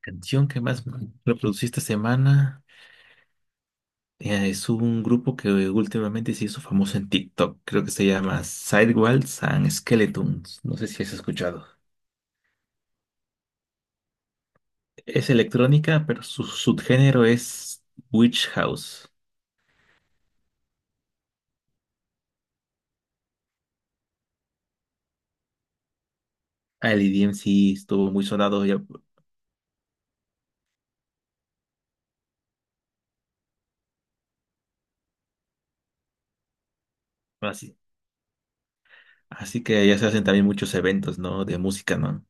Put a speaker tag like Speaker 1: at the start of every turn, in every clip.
Speaker 1: Canción que más reproducí esta semana es un grupo que últimamente se hizo famoso en TikTok. Creo que se llama Sidewalls and Skeletons. No sé si has escuchado. Es electrónica, pero su subgénero es Witch House. El EDM sí estuvo muy sonado ya, así. Así que ya se hacen también muchos eventos, ¿no? De música, ¿no?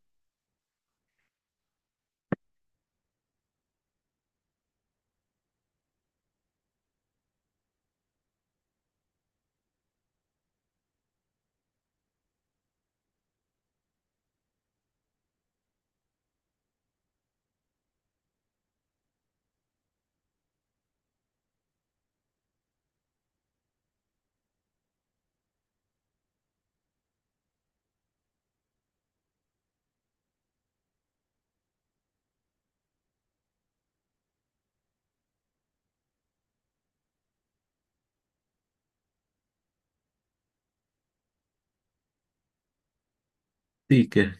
Speaker 1: Sí, que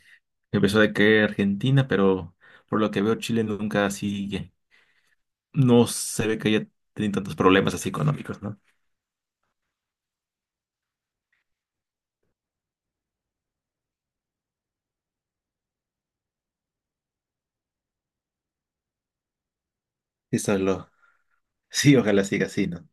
Speaker 1: empezó de que Argentina, pero por lo que veo Chile nunca así, no se ve que haya tenido tantos problemas así económicos, no. Sí, solo. Sí, ojalá siga así, ¿no?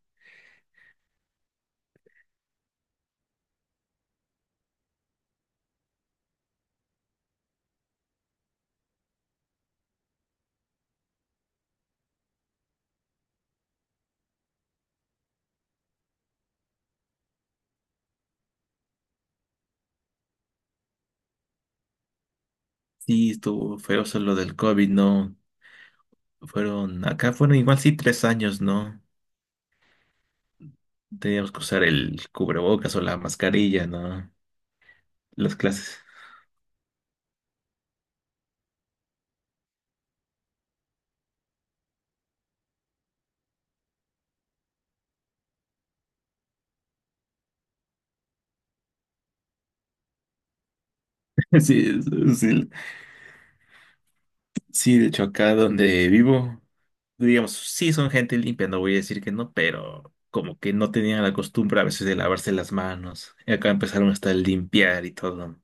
Speaker 1: Sí, estuvo feroz lo del COVID, ¿no? Fueron, acá fueron igual sí 3 años, ¿no? Teníamos que usar el cubrebocas o la mascarilla, ¿no? Las clases. Sí, sí, sí, de hecho acá donde vivo, digamos, sí son gente limpia, no voy a decir que no, pero como que no tenían la costumbre a veces de lavarse las manos. Y acá empezaron hasta a limpiar y todo.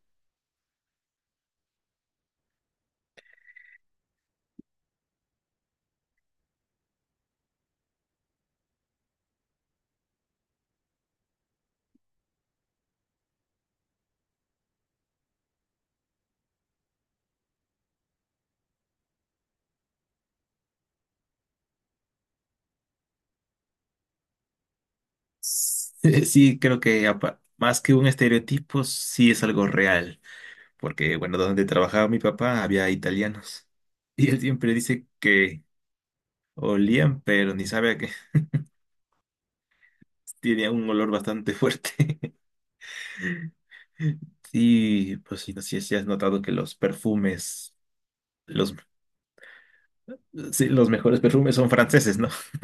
Speaker 1: Sí, sí, creo que más que un estereotipo, sí es algo real, porque bueno, donde trabajaba mi papá había italianos y él siempre dice que olían, pero ni sabe a qué, tenía un olor bastante fuerte. Y pues sí, no sé si has notado que los perfumes, los, sí, los mejores perfumes son franceses, ¿no?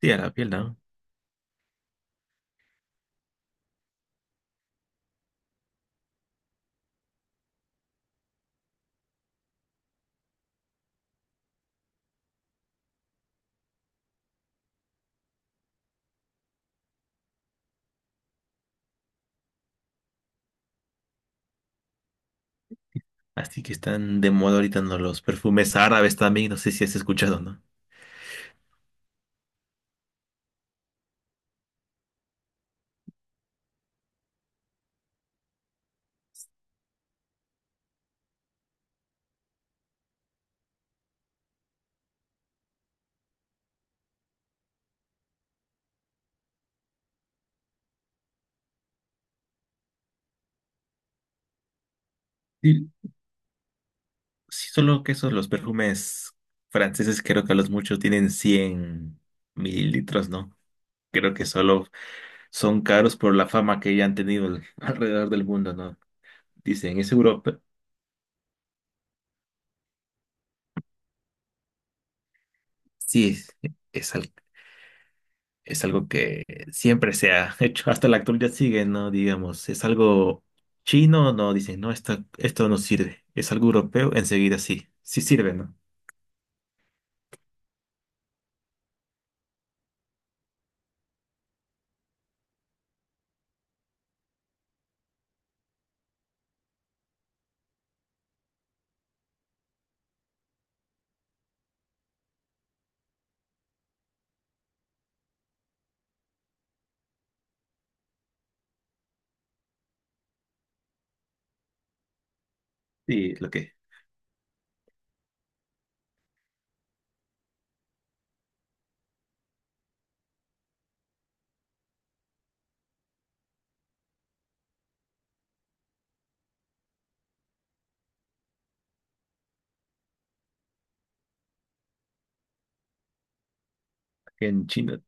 Speaker 1: Sí, a la piel, ¿no? Así que están de moda ahorita, ¿no? Los perfumes árabes también, no sé si has escuchado, ¿no? Sí, solo que esos los perfumes franceses creo que a los muchos tienen 100 ml, ¿no? Creo que solo son caros por la fama que ya han tenido alrededor del mundo, ¿no? Dicen, es Europa. Sí, es, es algo que siempre se ha hecho, hasta la actualidad sigue, ¿no? Digamos, es algo chino, no, dicen, no, esto no sirve. Es algo europeo, enseguida sí, sí sirve, ¿no? Sí, lo que en China.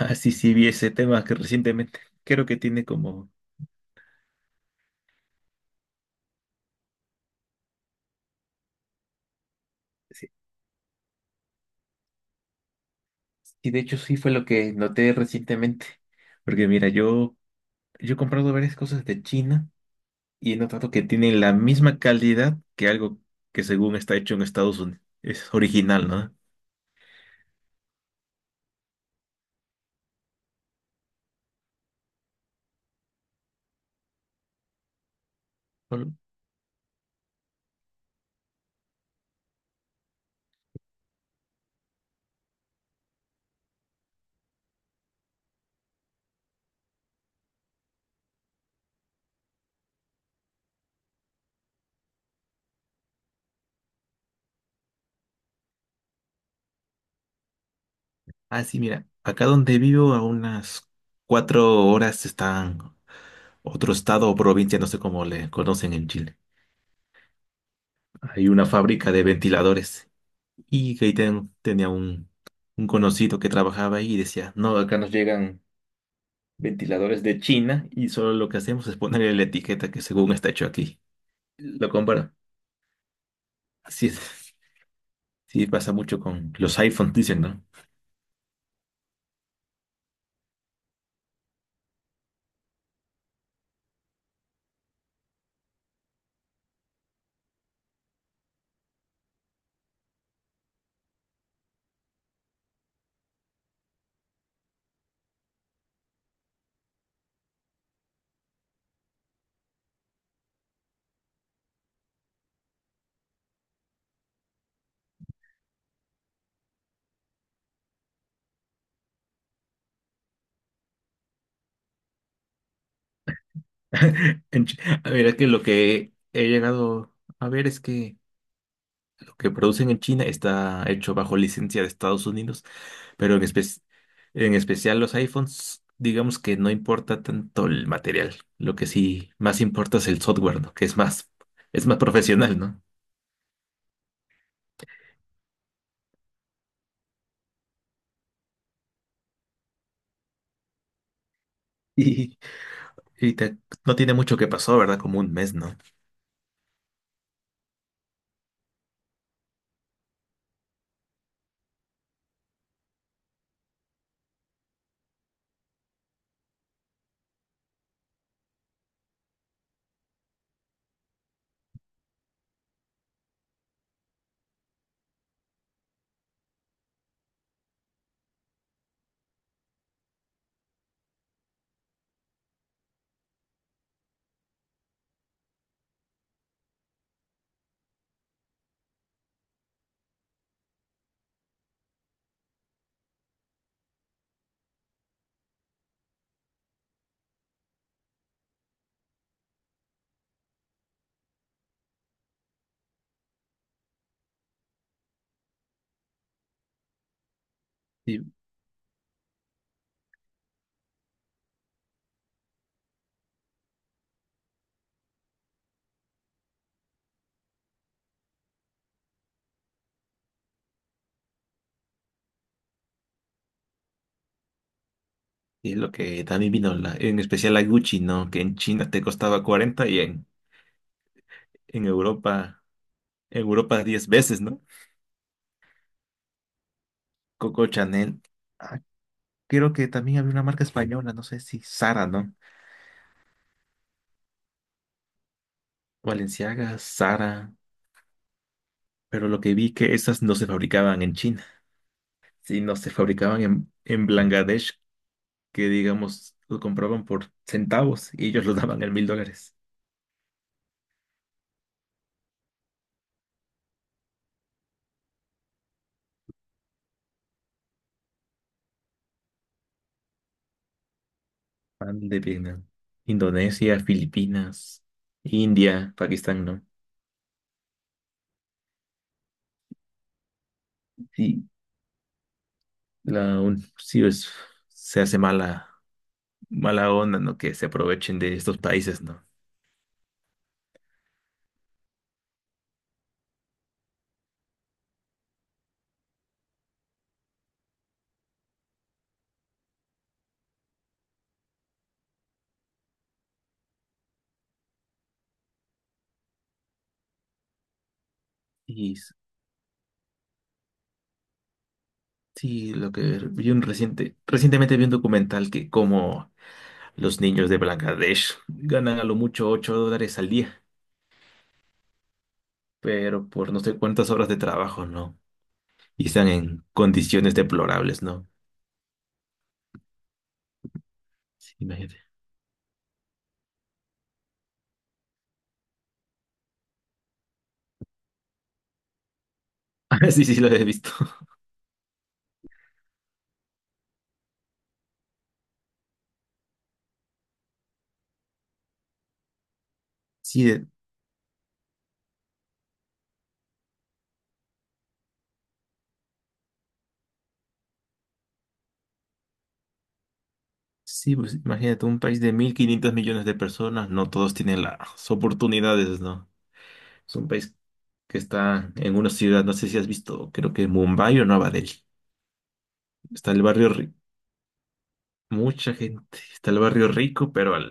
Speaker 1: Ah, sí, sí, vi ese tema que recientemente creo que tiene como... Y de hecho sí fue lo que noté recientemente, porque mira, yo he comprado varias cosas de China y he notado que tienen la misma calidad que algo que según está hecho en Estados Unidos, es original, ¿no? Solo- Ah, sí, mira, acá donde vivo a unas 4 horas están otro estado o provincia, no sé cómo le conocen en Chile. Hay una fábrica de ventiladores y que ahí tenía un conocido que trabajaba ahí y decía, no, acá nos llegan ventiladores de China y solo lo que hacemos es ponerle la etiqueta que según está hecho aquí. Lo comparo. Así es. Sí pasa mucho con los iPhones, dicen, ¿no? En Chi- A ver, es que lo que he llegado a ver es que lo que producen en China está hecho bajo licencia de Estados Unidos, pero en especial los iPhones, digamos que no importa tanto el material. Lo que sí más importa es el software, ¿no? Es más profesional, ¿no? Y te- no tiene mucho que pasó, ¿verdad? Como un mes, ¿no? Y, y lo que también vino, en especial la Gucci, ¿no? Que en China te costaba 40 y en Europa, en Europa 10 veces, ¿no? Coco Chanel. Ah, creo que también había una marca española, no sé si Zara, ¿no? Valenciaga, Zara. Pero lo que vi que esas no se fabricaban en China, sino se fabricaban en Bangladesh, que digamos, lo compraban por centavos y ellos lo daban en $1.000. Mal de Vietnam, Indonesia, Filipinas, India, Pakistán, ¿no? Sí, sí, se hace mala onda, ¿no? Que se aprovechen de estos países, ¿no? Y s- sí, lo que vi recientemente vi un documental que como los niños de Bangladesh ganan a lo mucho $8 al día, pero por no sé cuántas horas de trabajo, ¿no? Y están en condiciones deplorables, ¿no? Sí, imagínate. Ah, sí, sí, lo he visto. Sí, de- Sí, pues imagínate, un país de 1.500 millones de personas, no todos tienen las oportunidades, ¿no? Es un país que está en una ciudad, no sé si has visto, creo que Mumbai o Nueva Delhi. Está el barrio rico, mucha gente, está el barrio rico, pero a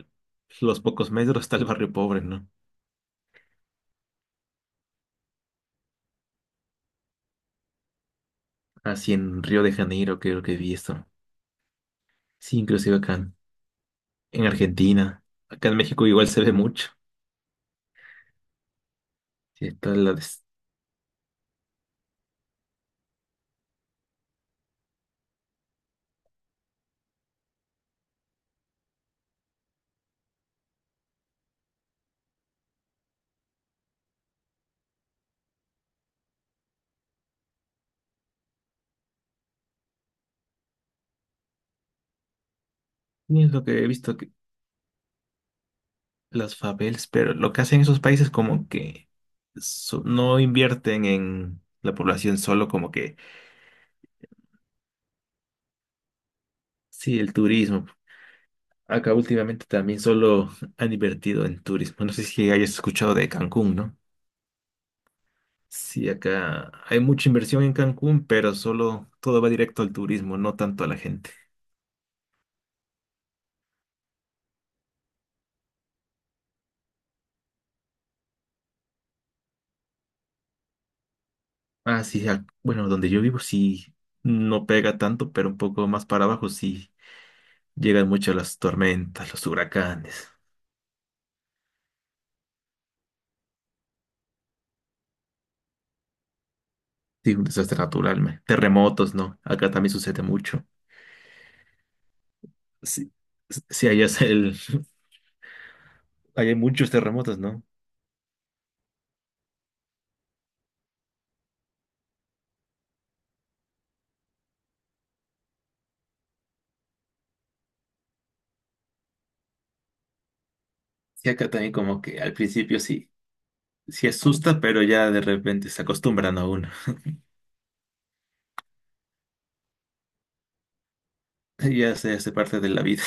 Speaker 1: los pocos metros está el barrio pobre, ¿no? Así en Río de Janeiro creo que vi esto. Sí, inclusive acá en Argentina, acá en México igual se ve mucho. Sí, está la des- y es lo que he visto. Las favelas, pero lo que hacen esos países como que no invierten en la población solo como que, sí, el turismo. Acá últimamente también solo han invertido en turismo. No sé si hayas escuchado de Cancún, ¿no? Sí, acá hay mucha inversión en Cancún, pero solo todo va directo al turismo, no tanto a la gente. Ah, sí, bueno, donde yo vivo sí no pega tanto, pero un poco más para abajo sí llegan mucho las tormentas, los huracanes. Sí, un desastre natural, me. Terremotos, ¿no? Acá también sucede mucho. Sí, sí, allá es el... allá hay muchos terremotos, ¿no? Sí, acá también como que al principio sí, sí asusta, pero ya de repente se acostumbran a uno. Ya se hace parte de la vida.